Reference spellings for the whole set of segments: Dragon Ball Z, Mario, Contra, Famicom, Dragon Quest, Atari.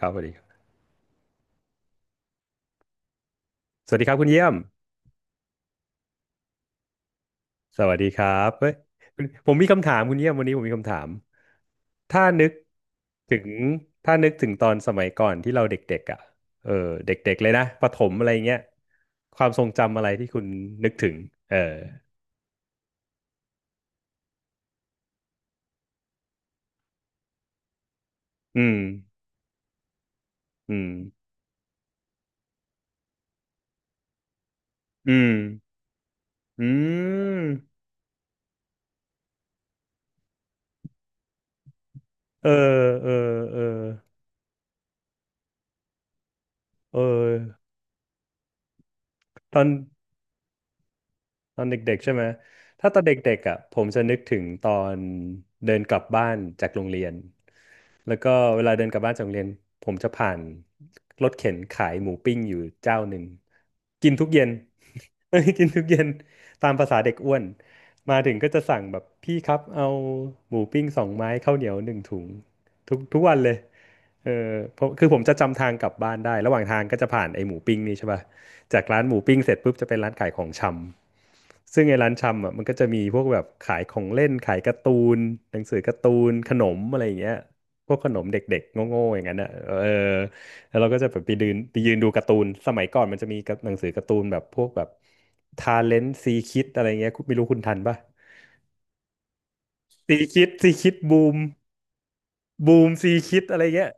ครับสวัสดีครับสวัสดีครับคุณเยี่ยมสวัสดีครับเฮ้ยคุณผมมีคำถามคุณเยี่ยมวันนี้ผมมีคำถามถ้านึกถึงถ้านึกถึงตอนสมัยก่อนที่เราเด็กๆอ่ะเออเด็กๆเลยนะประถมอะไรเงี้ยความทรงจำอะไรที่คุณนึกถึงเอออืมอืมอืมอืมเออเออเออเออตอน ตอนเด็กๆใช่ไหมถ้าตอนเด็กๆอ่ะผมจะนึกถึงตอนเดินกลับบ้านจากโรงเรียนแล้วก็เวลาเดินกลับบ้านจากโรงเรียนผมจะผ่านรถเข็นขายหมูปิ้งอยู่เจ้าหนึ่งกินทุกเย็น กินทุกเย็นตามภาษาเด็กอ้วนมาถึงก็จะสั่งแบบพี่ครับเอาหมูปิ้งสองไม้ข้าวเหนียวหนึ่งถุงทุกวันเลยเออผมคือผมจะจำทางกลับบ้านได้ระหว่างทางก็จะผ่านไอ้หมูปิ้งนี่ใช่ป่ะ จากร้านหมูปิ้งเสร็จปุ๊บจะเป็นร้านขายของชำซึ่งไอ้ร้านชำอ่ะมันก็จะมีพวกแบบขายของเล่นขายการ์ตูนหนังสือการ์ตูนขนมอะไรอย่างเงี้ยพวกขนมเด็กๆโง่ๆอย่างนั้นอ่ะเออแล้วเราก็จะแบบไปยืนดูการ์ตูนสมัยก่อนมันจะมีกับหนังสือการ์ตูนแบบพวกแบบทาเลนต์ซีคิดอะไรเงี้ยคุณไม่รู้คุณทันป่ะซีคิดซีคิดบูม บูมซีคิดอะไรเงี้ย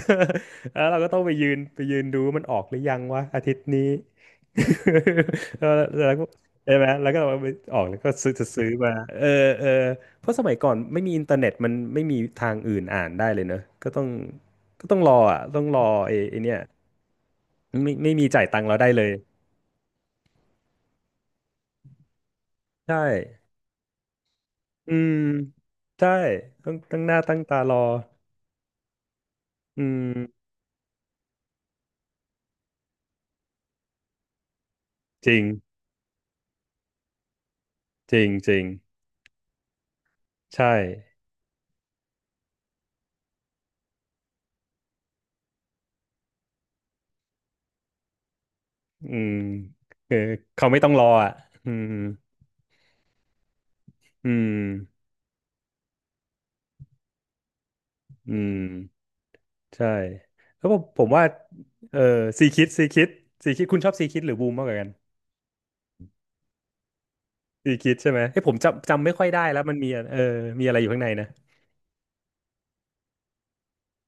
แล้วเราก็ต้องไปยืนดูว่ามันออกหรือยังวะอาทิตย์นี้ แล้วแล้วก็ใช่ไหมแล้วก็เอาไปออกแล้วก็ซื้อจะซื้อมาเออเออเพราะสมัยก่อนไม่มีอินเทอร์เน็ตมันไม่มีทางอื่นอ่านได้เลยเนอะ ก็ต้องรออ่ะต้องรอไอ้เนี่ยไม่มีจ่ายตังค์เราได้เลย ใช่อืมใช่ต้องตั้งหน้าตั้งตารออืม จริงจริงจริงใช่ อืมคือเขาไม่ต้องรออ่ะอืมอืมอืมใช่แล้วผมว่าเออซีคิดซีคิดซีคิดคุณชอบซีคิดหรือบูมมากกว่ากันซีคิดใช่ไหมเฮ้ยผมจำไม่ค่อยได้แล้วมันมีอะเออมีอะไรอยู่ข้างในนะ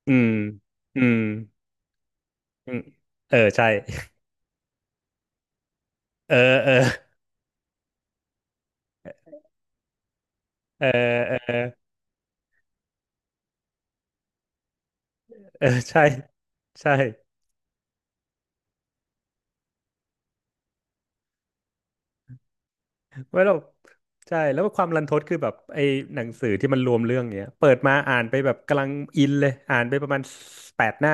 อืมอืมอืมเออใช่ เออเออเออเออเออใช่ใช่ ไม่หรอกใช่แล้วความรันทดคือแบบไอ้หนังสือที่มันรวมเรื่องเนี้ยเปิดมาอ่านไปแบบกำลังอินเลยอ่านไปประมาณแปดหน้า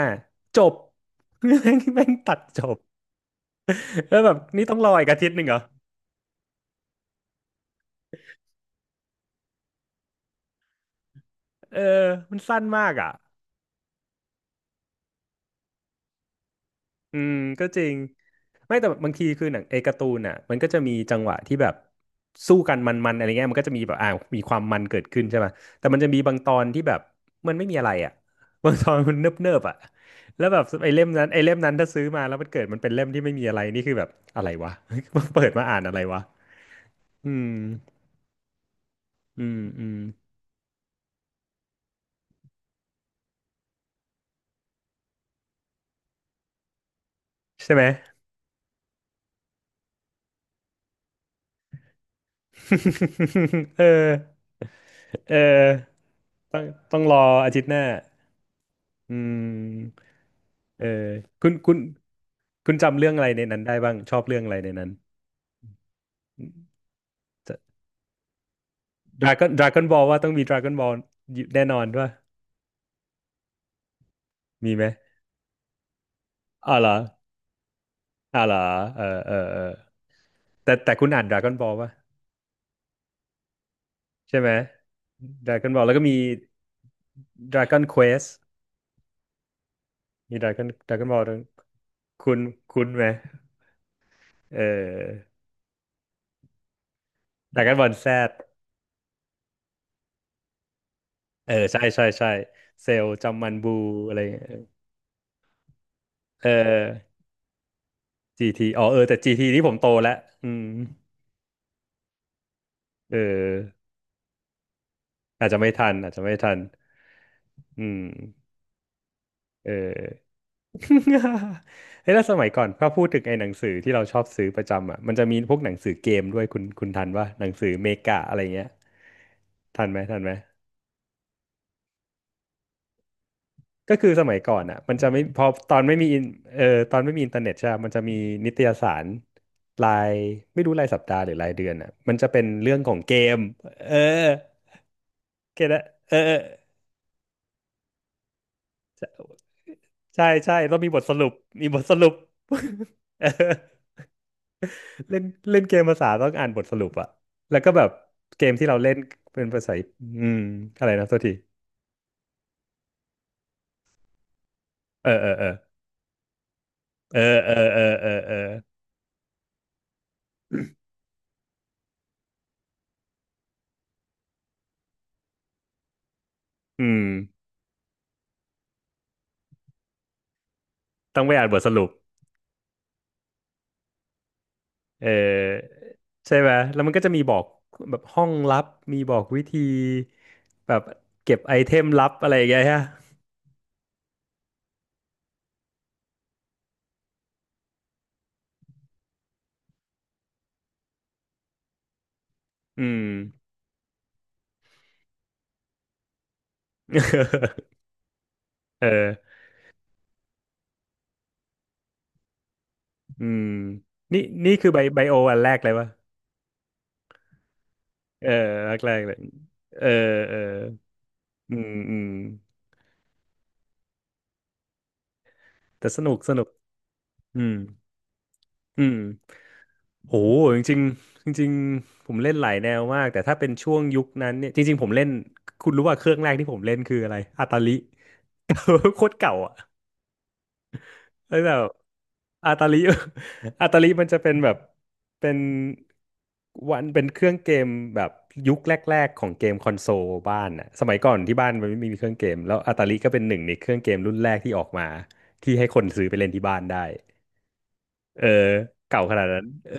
จบ แม่งตัดจบแล้วแบบนี่ต้องรออีกอาทิตย์หนึ่งเหรอเออมันสั้นมากอ่ะ อืมก็จริงไม่แต่บางทีคือหนังไอ้การ์ตูนอ่ะมันก็จะมีจังหวะที่แบบสู้กันมันๆอะไรเงี้ยมันก็จะมีแบบอ่ามีความมันเกิดขึ้นใช่ไหมแต่มันจะมีบางตอนที่แบบมันไม่มีอะไรอ่ะ บางตอนมันเนิบๆอ่ะแล้วแบบไอ้เล่มนั้นถ้าซื้อมาแล้วมันเกิดมันเป็นเล่มที่ไม่มีอะไรนี่คือแบบอะไรวะ เปิดมาอ่านอะไรวะอืมอืมอืมใช่ไหม เออเออต้องต้องรออาทิตย์หน้าอืมเออคุณคุณ คุณจำเรื่องอะไรในนั้นได้บ้างชอบเรื่องอะไรในนั้นดราก้อนบอลว่าต้องมีดราก้อนบอลแน่นอนด้วยมีไหมอ๋อเหรออ๋อเหรอเออเออเออแต่คุณอ่านดราก้อนบอลป่ะใช่ไหมดราก้อนบอลแล้วก็มีดราก้อนเควสมีดราก้อนบอลคุณคุณไหมเออดราก้อนบอลแซดเออใช่ใช่ใช่เซลจอมมันบูอะไรอย่างเงี้ยเออ GT อ๋อเออแต่ GT นี่ผมโตแล้วอืมเออ อาจจะไม่ทันอาจจะไม่ทันอืมเออ เฮ้ยแล้วสมัยก่อนถ้าพูดถึงไอ้หนังสือที่เราชอบซื้อประจำอ่ะมันจะมีพวกหนังสือเกมด้วยคุณทันว่าหนังสือเมกะอะไรเงี้ยทันไหมทันไหมก็คือสมัยก่อนอ่ะมันจะไม่พอตอนไม่มีอินเออตอนไม่มีอินเทอร์เน็ตใช่ปะมันจะมีนิตยสารรายไม่รู้รายสัปดาห์หรือรายเดือนอ่ะมันจะเป็นเรื่องของเกมเออเก็ตละเออเออใช่ใช่ใช่ต้องมีบทสรุปมีบทสรุป เออ เล่นเล่นเกมภาษาต้องอ่านบทสรุปอะแล้วก็แบบเกมที่เราเล่นเป็นภาษาอืมอะไรนะโทษทีเออเออเออเออเออเออเออเอออืมต้องไปอ่านบทสรุปเออใช่ไหมแล้วมันก็จะมีบอกแบบห้องลับมีบอกวิธีแบบเก็บไอเทมลับอะไรอย่างเงี้ยฮะอืม เอออืมนี่นี่คือไบโออันแรกเลยวะเออแรกแรกเลยเออเอออืมอืมแต่สนุกสนุก อืมอืมโหจริงๆจริงๆผมเล่นหลายแนวมากแต่ถ้าเป็นช่วงยุคนั้นเนี่ยจริงๆผมเล่นคุณรู้ว่าเครื่องแรกที่ผมเล่นคืออะไรอาตาลิ โคตรเก่าอ่ะแล้วแบบอาตาลิ อาตาลิมันจะเป็นแบบเป็นวันเป็นเครื่องเกมแบบยุคแรกๆของเกมคอนโซลบ้านอ่ะสมัยก่อนที่บ้านมันไม่มีเครื่องเกมแล้วอาตาลิก็เป็นหนึ่งในเครื่องเกมรุ่นแรกที่ออกมาที่ให้คนซื้อไปเล่นที่บ้านได้เออเก่าขนาดนั้นเออ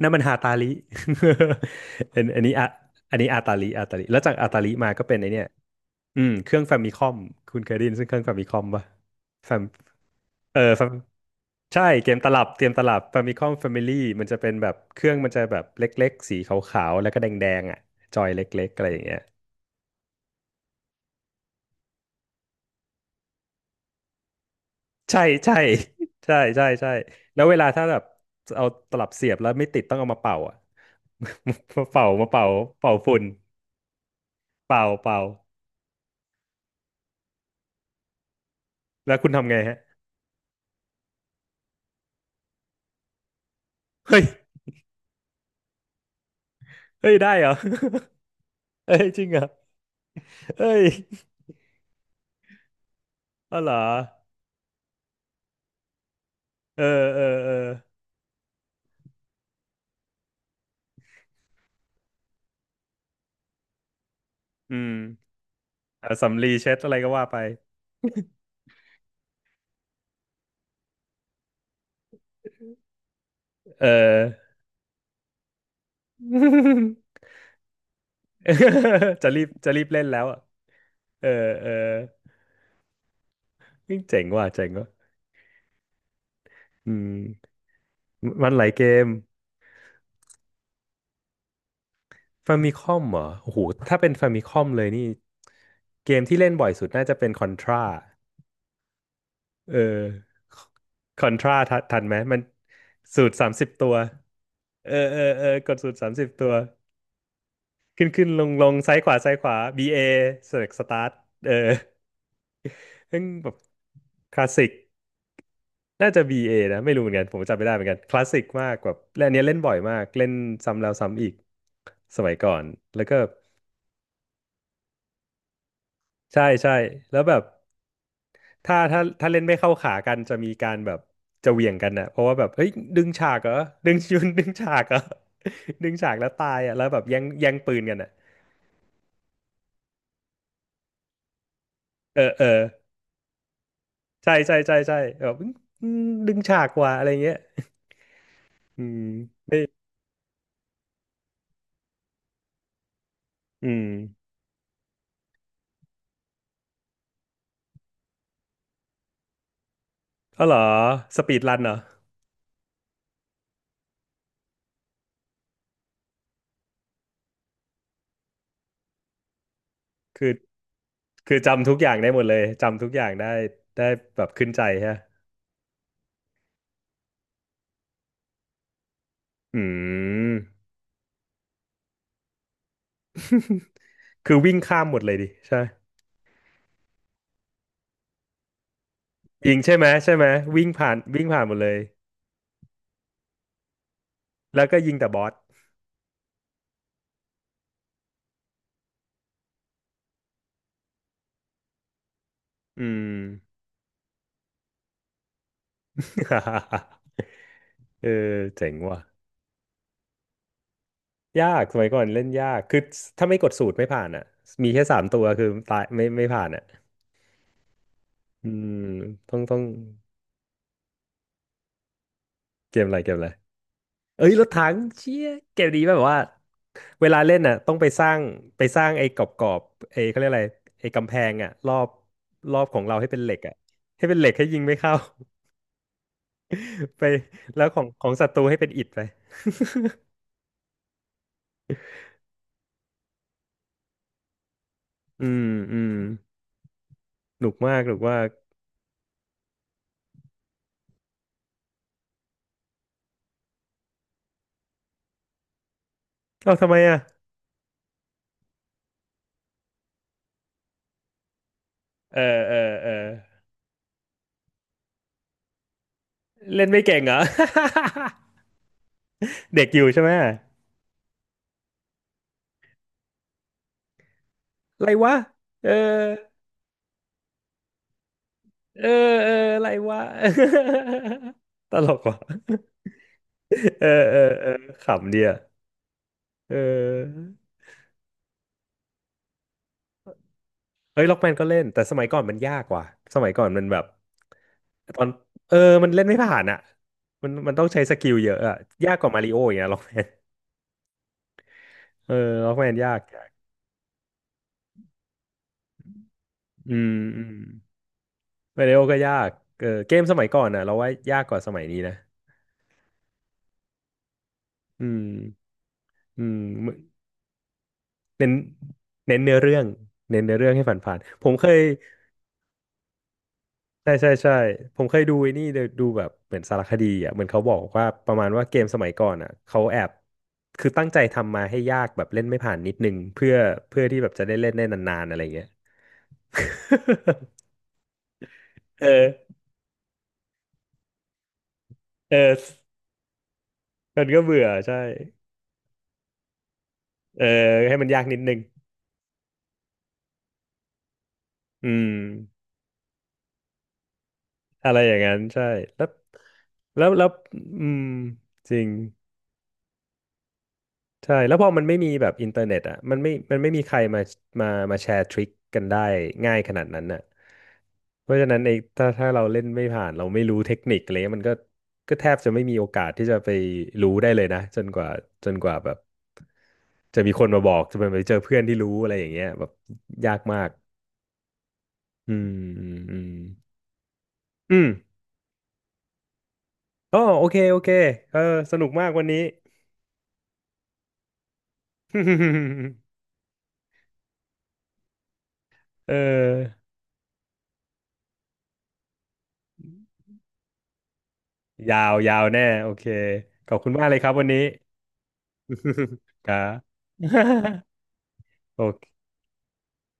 นั่นมันฮาตาลิ อันนี้อะอันนี้อาตาลิอาตาลิแล้วจากอาตาลิมาก็เป็นไอเนี่ยอืมเครื่องแฟมิคอมคุณเคยได้ยินซึ่งเครื่องแฟมิคอมป่ะแฟมเออแฟมใช่ เกมตลับเกมตลับแฟมิคอมแฟมิลี่มันจะเป็นแบบเครื่องมันจะแบบเล็กๆสีขาวๆแล้วก็แดงๆอ่ะจอยเล็กๆอะไรอย่างเงี้ยใช่ใช่ ใช่ใช่ใช่แล้วเวลาถ้าแบบเอาตลับเสียบแล้วไม่ติดต้องเอามาเป่าอ่ะ มาเป่ามาเป่าเป่าฝุ่นเป่าเป่าแล้วคุณทำไงฮะเฮ้ย เฮ้ยได้เหรอ เฮ้ยจริงเหรอเฮ้ยอ๋อเหรอเออเออเอออืมเอาสำลีเช็ดอะไรก็ว่าไปเออ จะรีบจะรีบเล่นแล้วอ่ะเออเออเฮ้ยเจ๋งว่ะเจ๋งว่ะอืมมันหลายเกมฟามิคอมเหรอโอ้โหถ้าเป็นฟามิคอมเลยนี่เกมที่เล่นบ่อยสุดน่าจะเป็นคอนทราเออคอนทราทันไหม มันสูตรสามสิบตัว เออเออเออกดสูตรสามสิบตัว ขึ้นขึ้นลงลงซ้ายขวาซ้ายขวา BA เสร็จสตาร์ทเออ ซึ่งแบบคลาสสิกน่าจะ BA นะไม่รู้เหมือนกันผมจำไม่ได้เหมือนกันคลาสสิกมากแบบและอันเนี้ยเล่นบ่อยมากเล่นซ้ำแล้วซ้ำอีกสมัยก่อนแล้วก็ใช่ใช่แล้วแบบถ้าเล่นไม่เข้าขากันจะมีการแบบจะเหวี่ยงกันนะเพราะว่าแบบเฮ้ยดึงฉากเหรอดึงชุน ดึงฉากเหรอ ดึงฉากแล้วตายอ่ะแล้วแบบแย่งแย่งปืนกันอ่ะเออเออใช่ใช่ใช่ใช่แบบอืมดึงฉากกว่าอะไรเงี้ย อืมไม่อืมอ๋อเหรอสปีดรันเหรอคือคือจำทุกอย่างได้หมดเลยจำทุกอย่างได้ได้แบบขึ้นใจฮะอืมคือวิ่งข้ามหมดเลยดิใช่ไหมยิงใช่ไหมใช่ไหมวิ่งผ่านวิ่งผ่านหมดเลยแล้วก็ยิงแต่บอสอืม เออเจ๋งว่ะยากสมัยก่อนเล่นยากคือถ้าไม่กดสูตรไม่ผ่านอ่ะมีแค่สามตัวคือตายไม่ผ่านอ่ะอืมต้องเกมอะไรเกมอะไร เอ้ยรถถังเชี่ยเกมนี้แบบว่าเวลาเล่นน่ะต้องไปสร้างไปสร้างไอ้กรอบๆไอ้เขาเรียกอะไรไอ้กำแพงอ่ะรอบรอบของเราให้เป็นเหล็กอ่ะให้เป็นเหล็กให้ยิงไม่เข้า ไปแล้วของของศัตรูให้เป็นอิฐไปอืมอืมหนุกมากหนุกมากเอ้าทำไมอ่ะเออเออเออเล่นไม่เก่งเหรอ เด็กอยู่ใช่ไหมอะไรวะเออเออเอออะไรวะ ตลกว่ะ เออเออเออขำดีอะ เออเฮ้ยล็อกแมนก็เล่นแต่สมัยก่อนมันยากกว่าสมัยก่อนมันแบบตอนเออมันเล่นไม่ผ่านอ่ะมันมันต้องใช้สกิลเยอะอ่ะยากกว่ามาริโออย่างเงี้ยล็อกแมนเออล็อกแมนยากยากอืมอืมมาริโอก็ยากเออเกมสมัยก่อนอ่ะเราว่ายากกว่าสมัยนี้นะอืมอืมเน้นเน้นเนื้อเรื่องเน้นเนื้อเรื่องให้ผ่านๆผมเคย ใช่ใช่ใช่ผมเคยดูไอ้นี่เดี๋ยวดูแบบเหมือนสารคดีอ่ะเหมือนเขาบอกว่าประมาณว่าเกมสมัยก่อนอ่ะเขาแอบคือตั้งใจทำมาให้ยากแบบเล่นไม่ผ่านนิดนึงเพื่อเพื่อที่แบบจะได้เล่นได้นานๆอะไรเงี้ย เออเออมันก็เบื่อใช่เออให้มันยากนิดนึงอืมอะไรอย่างนั้นใช่แล้วแล้วอืมจริง ใช่แล้วพอมันไม่มีแบบอินเทอร์เน็ตอ่ะมันไม่มีใครมามาแชร์ทริคกันได้ง่ายขนาดนั้นน่ะเพราะฉะนั้นไอ้ถ้าถ้าเราเล่นไม่ผ่านเราไม่รู้เทคนิคอะไรเงี้ยมันก็แทบจะไม่มีโอกาสที่จะไปรู้ได้เลยนะจนกว่าแบบจะมีคนมาบอกจะไปเจอเพื่อนที่รู้อะไรอย่างเงี้ยแบบยากมากอืมอืมอืมอืมอ๋อโอเคโอเคเออสนุกมากวันนี้ เออ ยาวยาวแน่โอเคขอบคุณมากเลยครับวันนี้ ครับ โอเค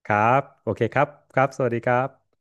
ครับโอเคครับครับสวัสดีครับ